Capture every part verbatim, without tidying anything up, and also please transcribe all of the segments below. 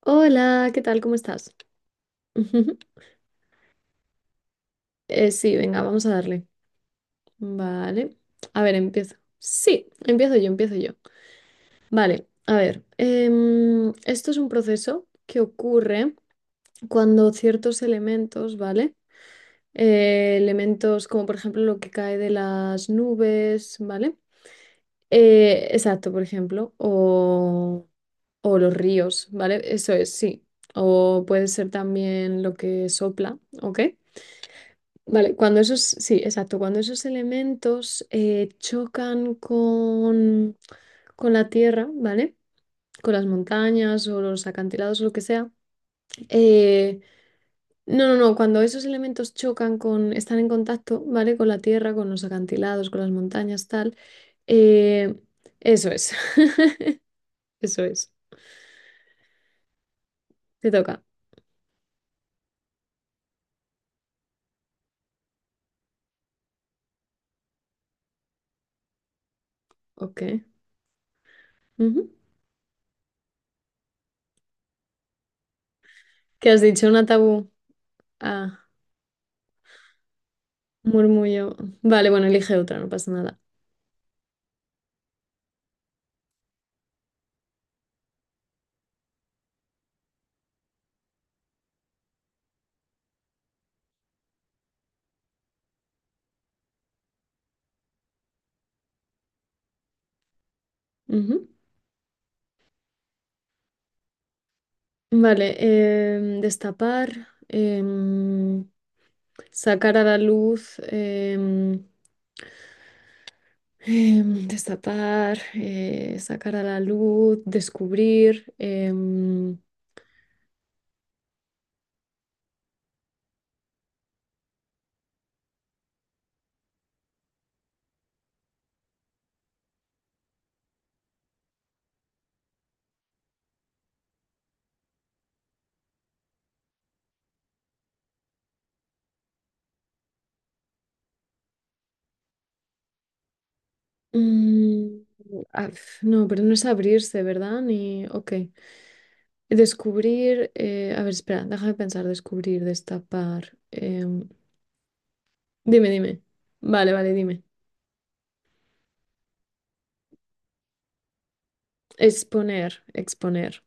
Hola, ¿qué tal? ¿Cómo estás? Ujú. Eh, sí, venga, vamos a darle. Vale. A ver, empiezo. Sí, empiezo yo, empiezo yo. Vale, a ver. Em, esto es un proceso que ocurre cuando ciertos elementos, ¿vale? Eh, elementos como por ejemplo lo que cae de las nubes, ¿vale? Eh, exacto, por ejemplo, o, o los ríos, ¿vale? Eso es, sí. O puede ser también lo que sopla, ¿ok? Vale, cuando esos, sí, exacto, cuando esos elementos eh, chocan con, con la tierra, ¿vale? Con las montañas o los acantilados o lo que sea. eh, no, no, no, cuando esos elementos chocan con, están en contacto, ¿vale? Con la tierra, con los acantilados, con las montañas, tal. eh, Eso es, eso es. Te toca. Ok. Ujú. ¿Qué has dicho? Una tabú. Ah, murmullo. Vale, bueno, elige otra, no pasa nada. Vale, em, destapar, em, sacar a la luz, em, em, destapar, eh, sacar a la luz, descubrir. em, mm, ah, f- no, pero no es abrirse, ¿verdad? Ni, ok. Descubrir, eh, a ver, espera, déjame pensar, descubrir, destapar. em, dime, dime. Vale, vale, dime. Exponer, exponer.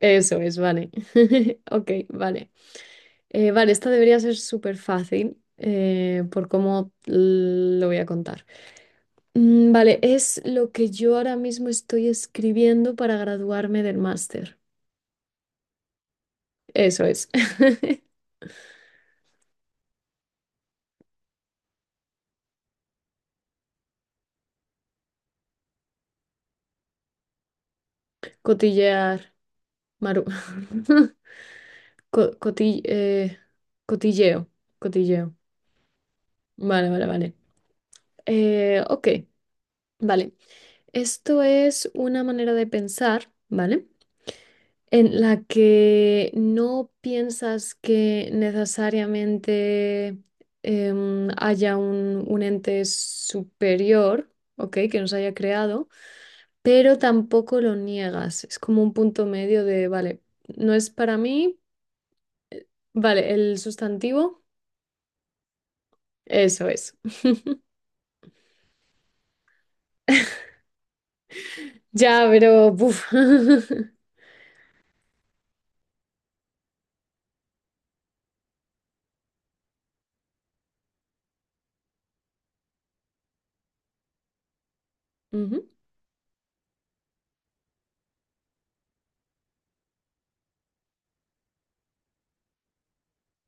Eso es, vale. Ok, vale. Eh, vale, esta debería ser súper fácil eh, por cómo l- lo voy a contar. Mm, vale, es lo que yo ahora mismo estoy escribiendo para graduarme del máster. Eso es. Cotillear, Maru. Co- coti- eh, cotilleo, cotilleo. Vale, vale, vale. Eh, ok, vale. Esto es una manera de pensar, ¿vale? En la que no piensas que necesariamente em, haya un, un ente superior, ¿ok? Que nos haya creado, pero tampoco lo niegas. Es como un punto medio de, vale, no es para mí, vale, el sustantivo, eso es. Ya, pero... buf. Ujú,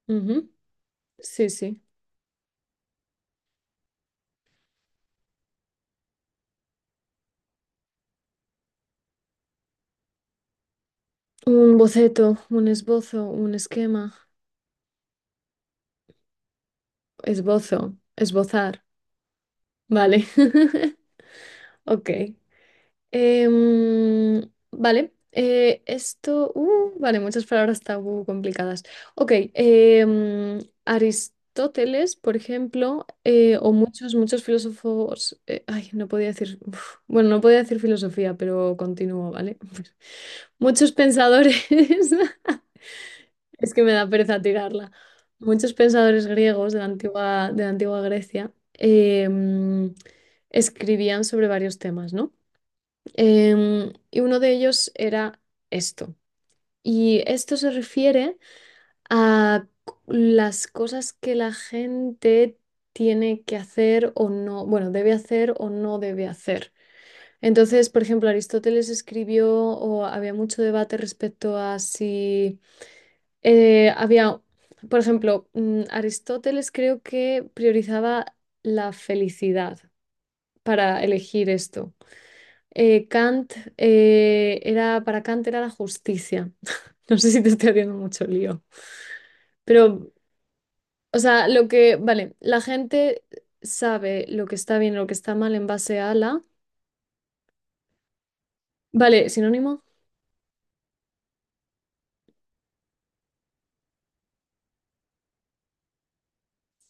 ujú. Sí, sí. Un boceto, un esbozo, un esquema. Esbozo, esbozar. Vale. Ok. Em, vale. eh, esto. uh, vale, muchas palabras tabú complicadas. Ok. em, Aristóteles, por ejemplo, eh, o muchos, muchos filósofos. eh, ay, no podía decir. Uf, bueno, no podía decir filosofía, pero continúo, ¿vale? Muchos pensadores. Es que me da pereza tirarla. Muchos pensadores griegos de la antigua, de la antigua Grecia em, escribían sobre varios temas, ¿no? Em, y uno de ellos era esto. Y esto se refiere a c- las cosas que la gente tiene que hacer o no, bueno, debe hacer o no debe hacer. Entonces, por ejemplo, Aristóteles escribió o había mucho debate respecto a si eh, había, por ejemplo, mm, Aristóteles creo que priorizaba la felicidad para elegir esto. Eh, Kant eh, era, para Kant era la justicia. No sé si te estoy haciendo mucho lío. Pero, o sea, lo que, vale, la gente sabe lo que está bien, y lo que está mal en base a la. Vale, sinónimo.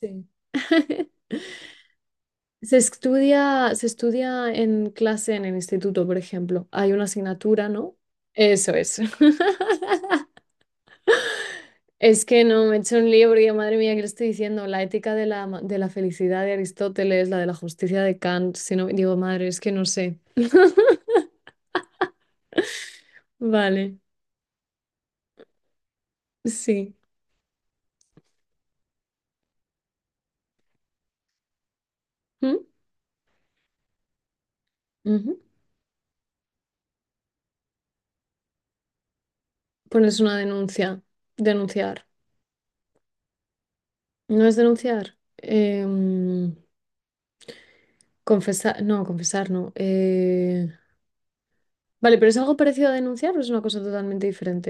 Sí. Se estudia, se estudia en clase en el instituto, por ejemplo. Hay una asignatura, ¿no? Eso es. Es que no, me he hecho un libro y yo, madre mía, ¿qué le estoy diciendo? La ética de la, ma- de la felicidad de Aristóteles, la de la justicia de Kant, si no, digo, madre, es que no sé. Vale, sí. ¿Mm? Ujú. Pones una denuncia, denunciar. ¿No es denunciar? Em, confesar, no, confesar no. Eh, vale, pero ¿es algo parecido a denunciar o es una cosa totalmente diferente?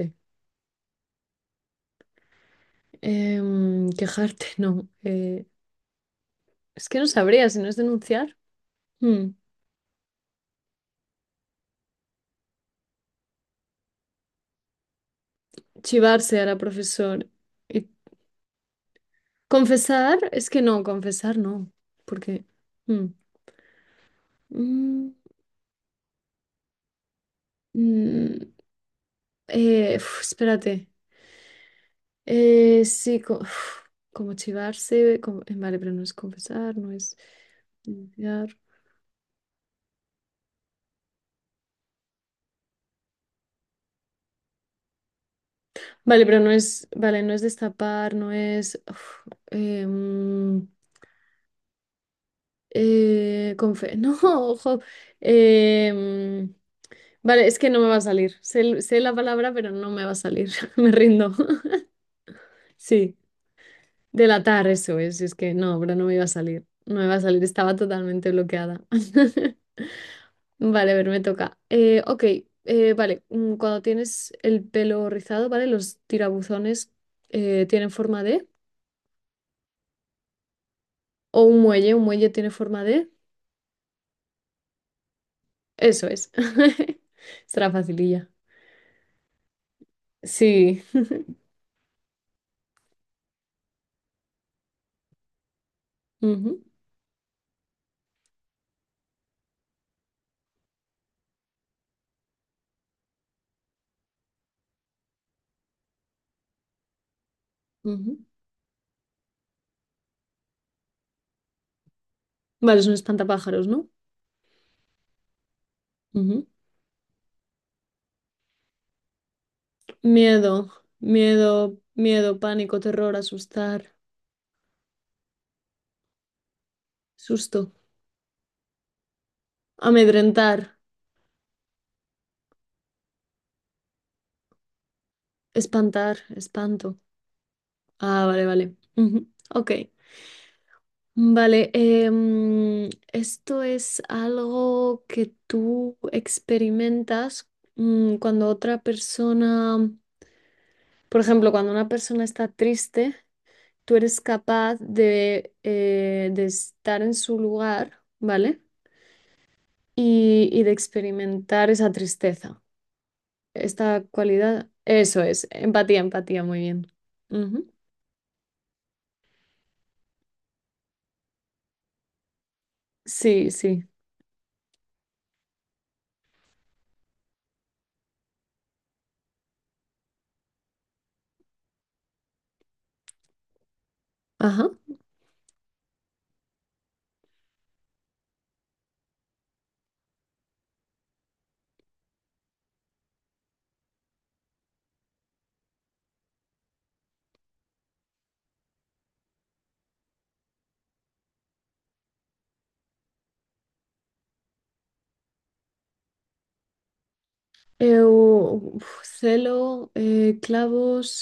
Em, quejarte, no. Eh, es que no sabría si no es denunciar. Hmm. Chivarse a la profesor. Confesar es que no, confesar no, porque... mm, mm, mm, eh, uf, espérate. Eh, sí, co- uf, como chivarse, como- eh, vale, pero no es confesar, no es denunciar. Vale, pero no es, vale, no es destapar, no es... uf, eh, mm, eh, confe- no, ojo. eh, mm, vale, es que no me va a salir. Sé, sé la palabra, pero no me va a salir. Me rindo. Sí. Delatar, eso es. Es que no, pero no me iba a salir. No me iba a salir, estaba totalmente bloqueada. Vale, a ver, me toca. Eh, ok, eh, vale. mm, Cuando tienes el pelo rizado, ¿vale? Los tirabuzones eh, tienen forma de. O un muelle, un muelle tiene forma de. Eso es. Será facililla. Sí. Ujú, ujú. Vale, es un espantapájaros, ¿no? Ujú. Miedo, miedo, miedo, pánico, terror, asustar, susto, amedrentar. Espantar, espanto. Ah, vale, vale. Ujú, ok. Vale, em, esto es algo que tú experimentas mm, cuando otra persona, por ejemplo, cuando una persona está triste, tú eres capaz de, eh, de estar en su lugar, ¿vale? Y, y de experimentar esa tristeza, esta cualidad. Eso es, empatía, empatía, muy bien. Ujú. Sí, sí. Ajá. Eh, u- uf, celo, eh, clavos,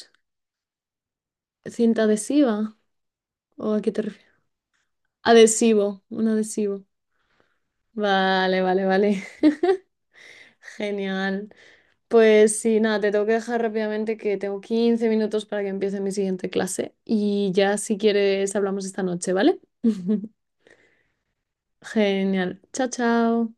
cinta adhesiva. ¿O a qué te refieres? Adhesivo, un adhesivo. Vale, vale, vale. Genial. Pues sí, nada, te tengo que dejar rápidamente que tengo quince minutos para que empiece mi siguiente clase y ya si quieres hablamos esta noche, ¿vale? Genial. Chao, chao.